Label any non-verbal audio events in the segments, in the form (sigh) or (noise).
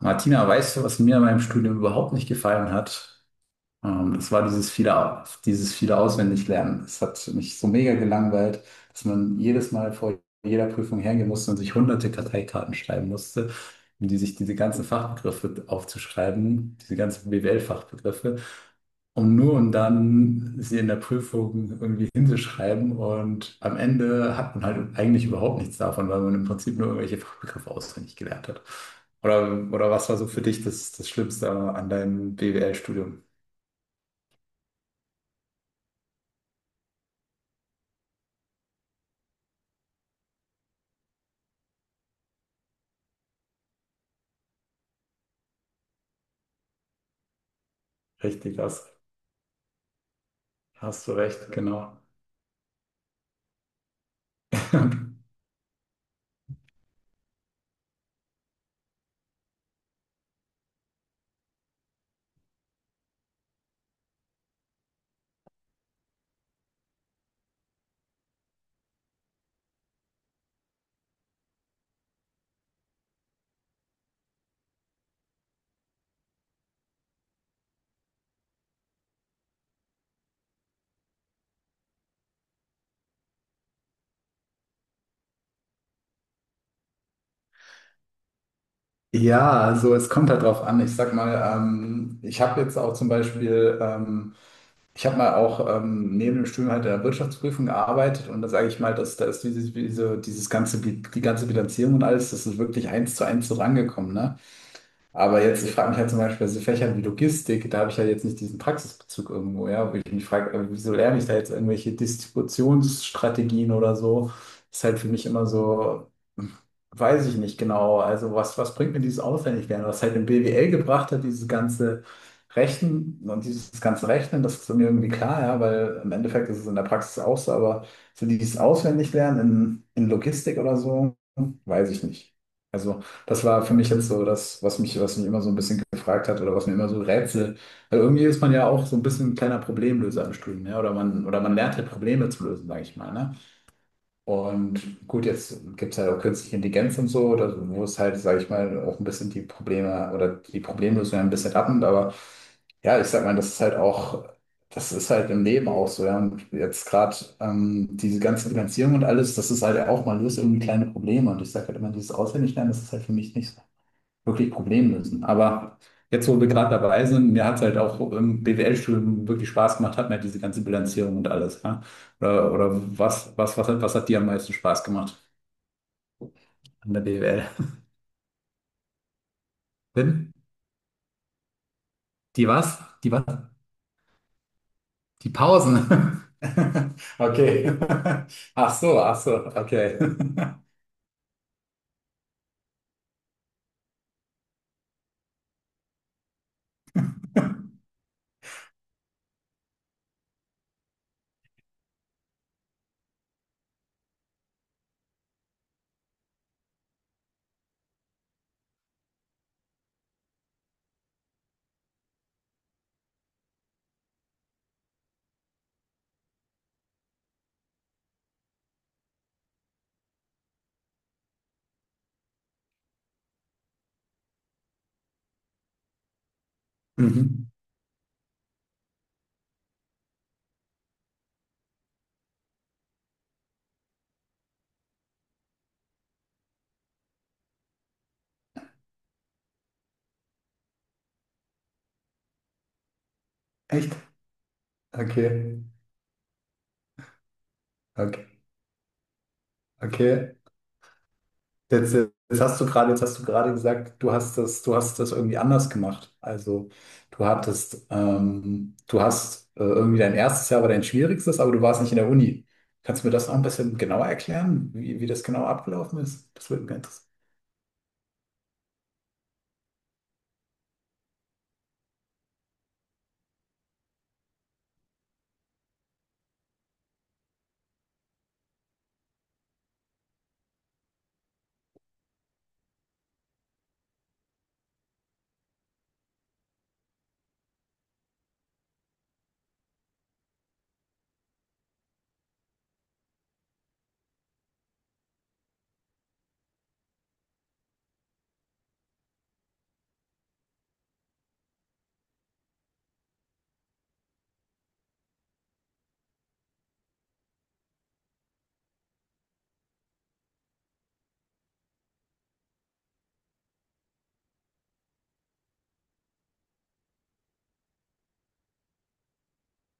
Martina, weißt du, was mir an meinem Studium überhaupt nicht gefallen hat? Es war dieses viele Auswendiglernen. Es hat mich so mega gelangweilt, dass man jedes Mal vor jeder Prüfung hergehen musste und sich hunderte Karteikarten schreiben musste, um die sich diese ganzen Fachbegriffe aufzuschreiben, diese ganzen BWL-Fachbegriffe, um nur und dann sie in der Prüfung irgendwie hinzuschreiben. Und am Ende hat man halt eigentlich überhaupt nichts davon, weil man im Prinzip nur irgendwelche Fachbegriffe auswendig gelernt hat. Oder was war so für dich das Schlimmste an deinem BWL-Studium? Richtig, hast du recht, genau. (laughs) Ja, also es kommt halt drauf an. Ich sag mal, ich habe jetzt auch zum Beispiel, ich habe mal auch neben dem Studium halt in der Wirtschaftsprüfung gearbeitet, und da sage ich mal, dass da ist dieses ganze, die ganze Bilanzierung und alles, das ist wirklich eins zu eins so rangekommen, ne? Aber jetzt, ich frage mich halt zum Beispiel bei so Fächern wie Logistik, da habe ich halt jetzt nicht diesen Praxisbezug irgendwo, ja, wo ich mich frage, wieso lerne ich da jetzt irgendwelche Distributionsstrategien oder so? Ist halt für mich immer so, hm, weiß ich nicht genau. Also was bringt mir dieses Auswendiglernen? Was halt im BWL gebracht hat, dieses ganze Rechnen, das ist mir irgendwie klar, ja, weil im Endeffekt ist es in der Praxis auch so, aber so dieses Auswendiglernen in Logistik oder so, weiß ich nicht. Also das war für mich jetzt so das, was mich immer so ein bisschen gefragt hat oder was mir immer so rätselt. Weil irgendwie ist man ja auch so ein bisschen ein kleiner Problemlöser im Studium, ja. Oder man lernt halt Probleme zu lösen, sage ich mal, ne? Und gut, jetzt gibt es halt auch künstliche Intelligenz und so, oder so, wo es halt, sage ich mal, auch ein bisschen die Probleme oder die Problemlösung ein bisschen abnimmt. Aber ja, ich sag mal, das ist halt auch, das ist halt im Leben auch so, ja. Und jetzt gerade diese ganze Finanzierung und alles, das ist halt auch, man löst irgendwie kleine Probleme. Und ich sage halt immer, dieses Auswendiglernen, das ist halt für mich nicht so wirklich Problem lösen. Aber jetzt, wo wir gerade dabei sind, mir hat es halt auch im BWL-Studium wirklich Spaß gemacht, hat mir diese ganze Bilanzierung und alles. Ja? Oder was hat dir am meisten Spaß gemacht an der BWL? Bin? Die was? Die was? Die Pausen. (laughs) Okay. (laughs) Ach so, okay. (laughs) Mhm. Echt? Okay. Okay. Okay. Jetzt, jetzt jetzt hast du gerade gesagt, du hast das irgendwie anders gemacht. Also du hattest, du hast irgendwie, dein erstes Jahr war dein schwierigstes, aber du warst nicht in der Uni. Kannst du mir das noch ein bisschen genauer erklären, wie das genau abgelaufen ist? Das würde mich interessieren.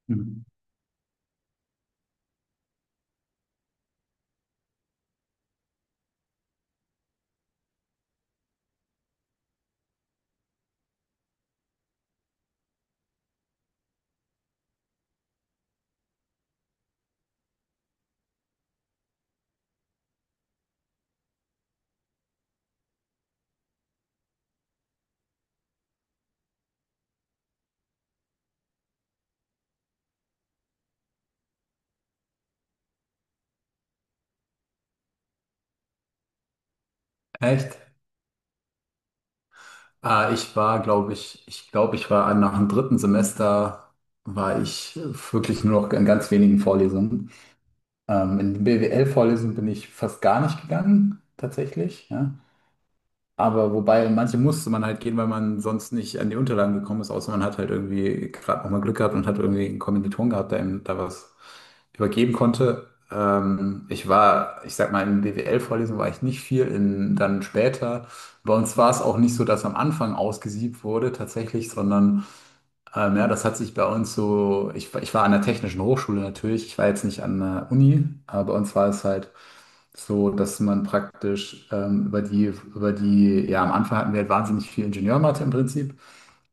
Mhm. Echt? Ah, ich war, glaube ich, ich glaube, ich war nach dem 3. Semester, war ich wirklich nur noch in ganz wenigen Vorlesungen. In die bwl vorlesungen bin ich fast gar nicht gegangen, tatsächlich. Ja. Aber wobei, in manche musste man halt gehen, weil man sonst nicht an die Unterlagen gekommen ist, außer man hat halt irgendwie gerade nochmal Glück gehabt und hat irgendwie einen Kommilitonen gehabt, der ihm da was übergeben konnte. Ich war, ich sag mal, in BWL-Vorlesungen war ich nicht viel, in, dann später. Bei uns war es auch nicht so, dass am Anfang ausgesiebt wurde tatsächlich, sondern ja, das hat sich bei uns so, ich war an der Technischen Hochschule natürlich, ich war jetzt nicht an der Uni, aber bei uns war es halt so, dass man praktisch über über die, ja, am Anfang hatten wir halt wahnsinnig viel Ingenieurmathe im Prinzip.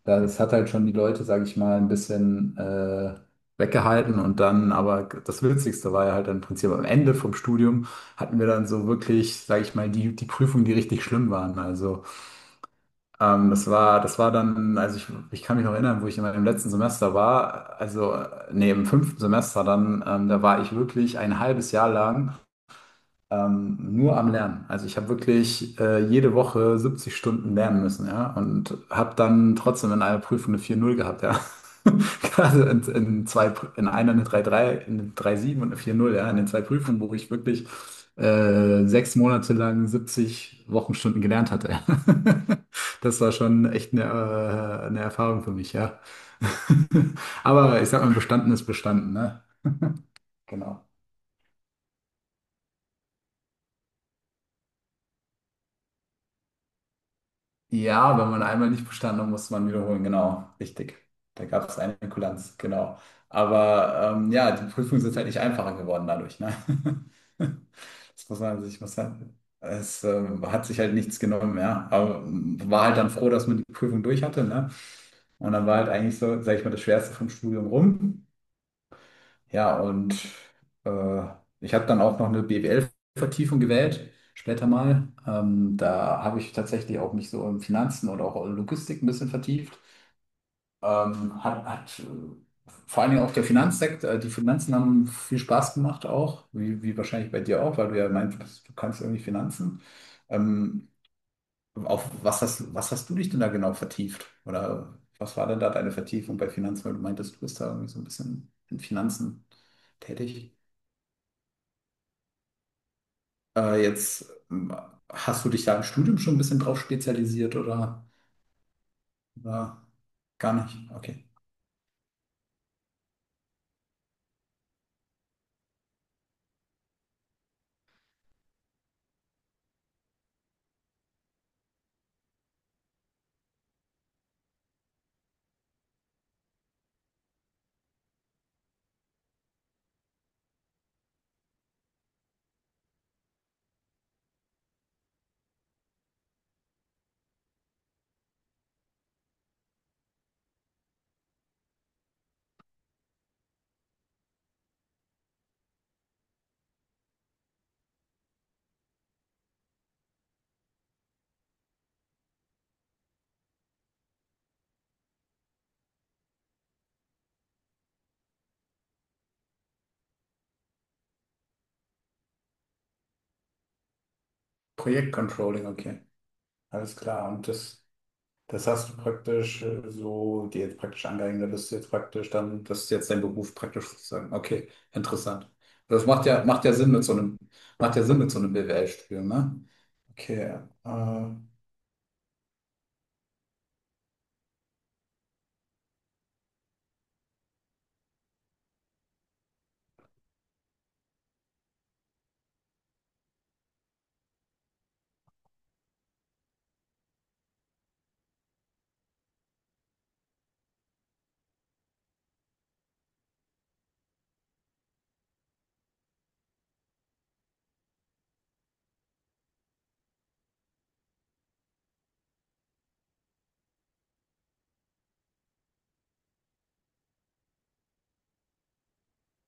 Ja, das hat halt schon die Leute, sage ich mal, ein bisschen weggehalten, und dann, aber das Witzigste war ja halt dann im Prinzip am Ende vom Studium, hatten wir dann so wirklich, sage ich mal, die Prüfungen, die richtig schlimm waren. Also das war dann, also ich kann mich noch erinnern, wo ich in meinem letzten Semester war, also im 5. Semester dann, da war ich wirklich ein halbes Jahr lang nur am Lernen. Also ich habe wirklich jede Woche 70 Stunden lernen müssen, ja, und habe dann trotzdem in einer Prüfung eine 4,0 gehabt, ja. (laughs) Gerade in einer eine 3,3, in eine 3,7 und eine 4,0, ja, in den zwei Prüfungen, wo ich wirklich 6 Monate lang 70 Wochenstunden gelernt hatte, ja. (laughs) Das war schon echt eine Erfahrung für mich, ja. (laughs) Aber ich sag mal, bestanden ist bestanden, ne? Genau. Ja, wenn man einmal nicht bestanden hat, musste man wiederholen, genau, richtig. Da gab es eine Kulanz, genau. Aber ja, die Prüfungen sind halt nicht einfacher geworden dadurch, ne? (laughs) Das muss man sich, es hat sich halt nichts genommen, ja. Aber war halt dann froh, dass man die Prüfung durch hatte, ne? Und dann war halt eigentlich so, sag ich mal, das Schwerste vom Studium rum. Ja, und äh, ich habe dann auch noch eine BWL-Vertiefung gewählt, später mal. Da habe ich tatsächlich auch mich so in Finanzen oder auch in Logistik ein bisschen vertieft. Hat, hat Vor allen Dingen auch der Finanzsektor, die Finanzen haben viel Spaß gemacht auch, wie wahrscheinlich bei dir auch, weil du ja meintest, du kannst irgendwie Finanzen. Ähm, auf was was hast du dich denn da genau vertieft? Oder was war denn da deine Vertiefung bei Finanzen, weil du meintest, du bist da irgendwie so ein bisschen in Finanzen tätig? Jetzt Hast du dich da im Studium schon ein bisschen drauf spezialisiert oder gar nicht? Okay. Projektcontrolling, okay. Alles klar. Und das, das hast du praktisch so dir jetzt praktisch angeeignet, das ist jetzt praktisch dann, das ist jetzt dein Beruf praktisch sozusagen. Okay, interessant. Das macht ja Sinn mit so einem, macht ja Sinn mit so einem BWL-Studium, ne? Okay.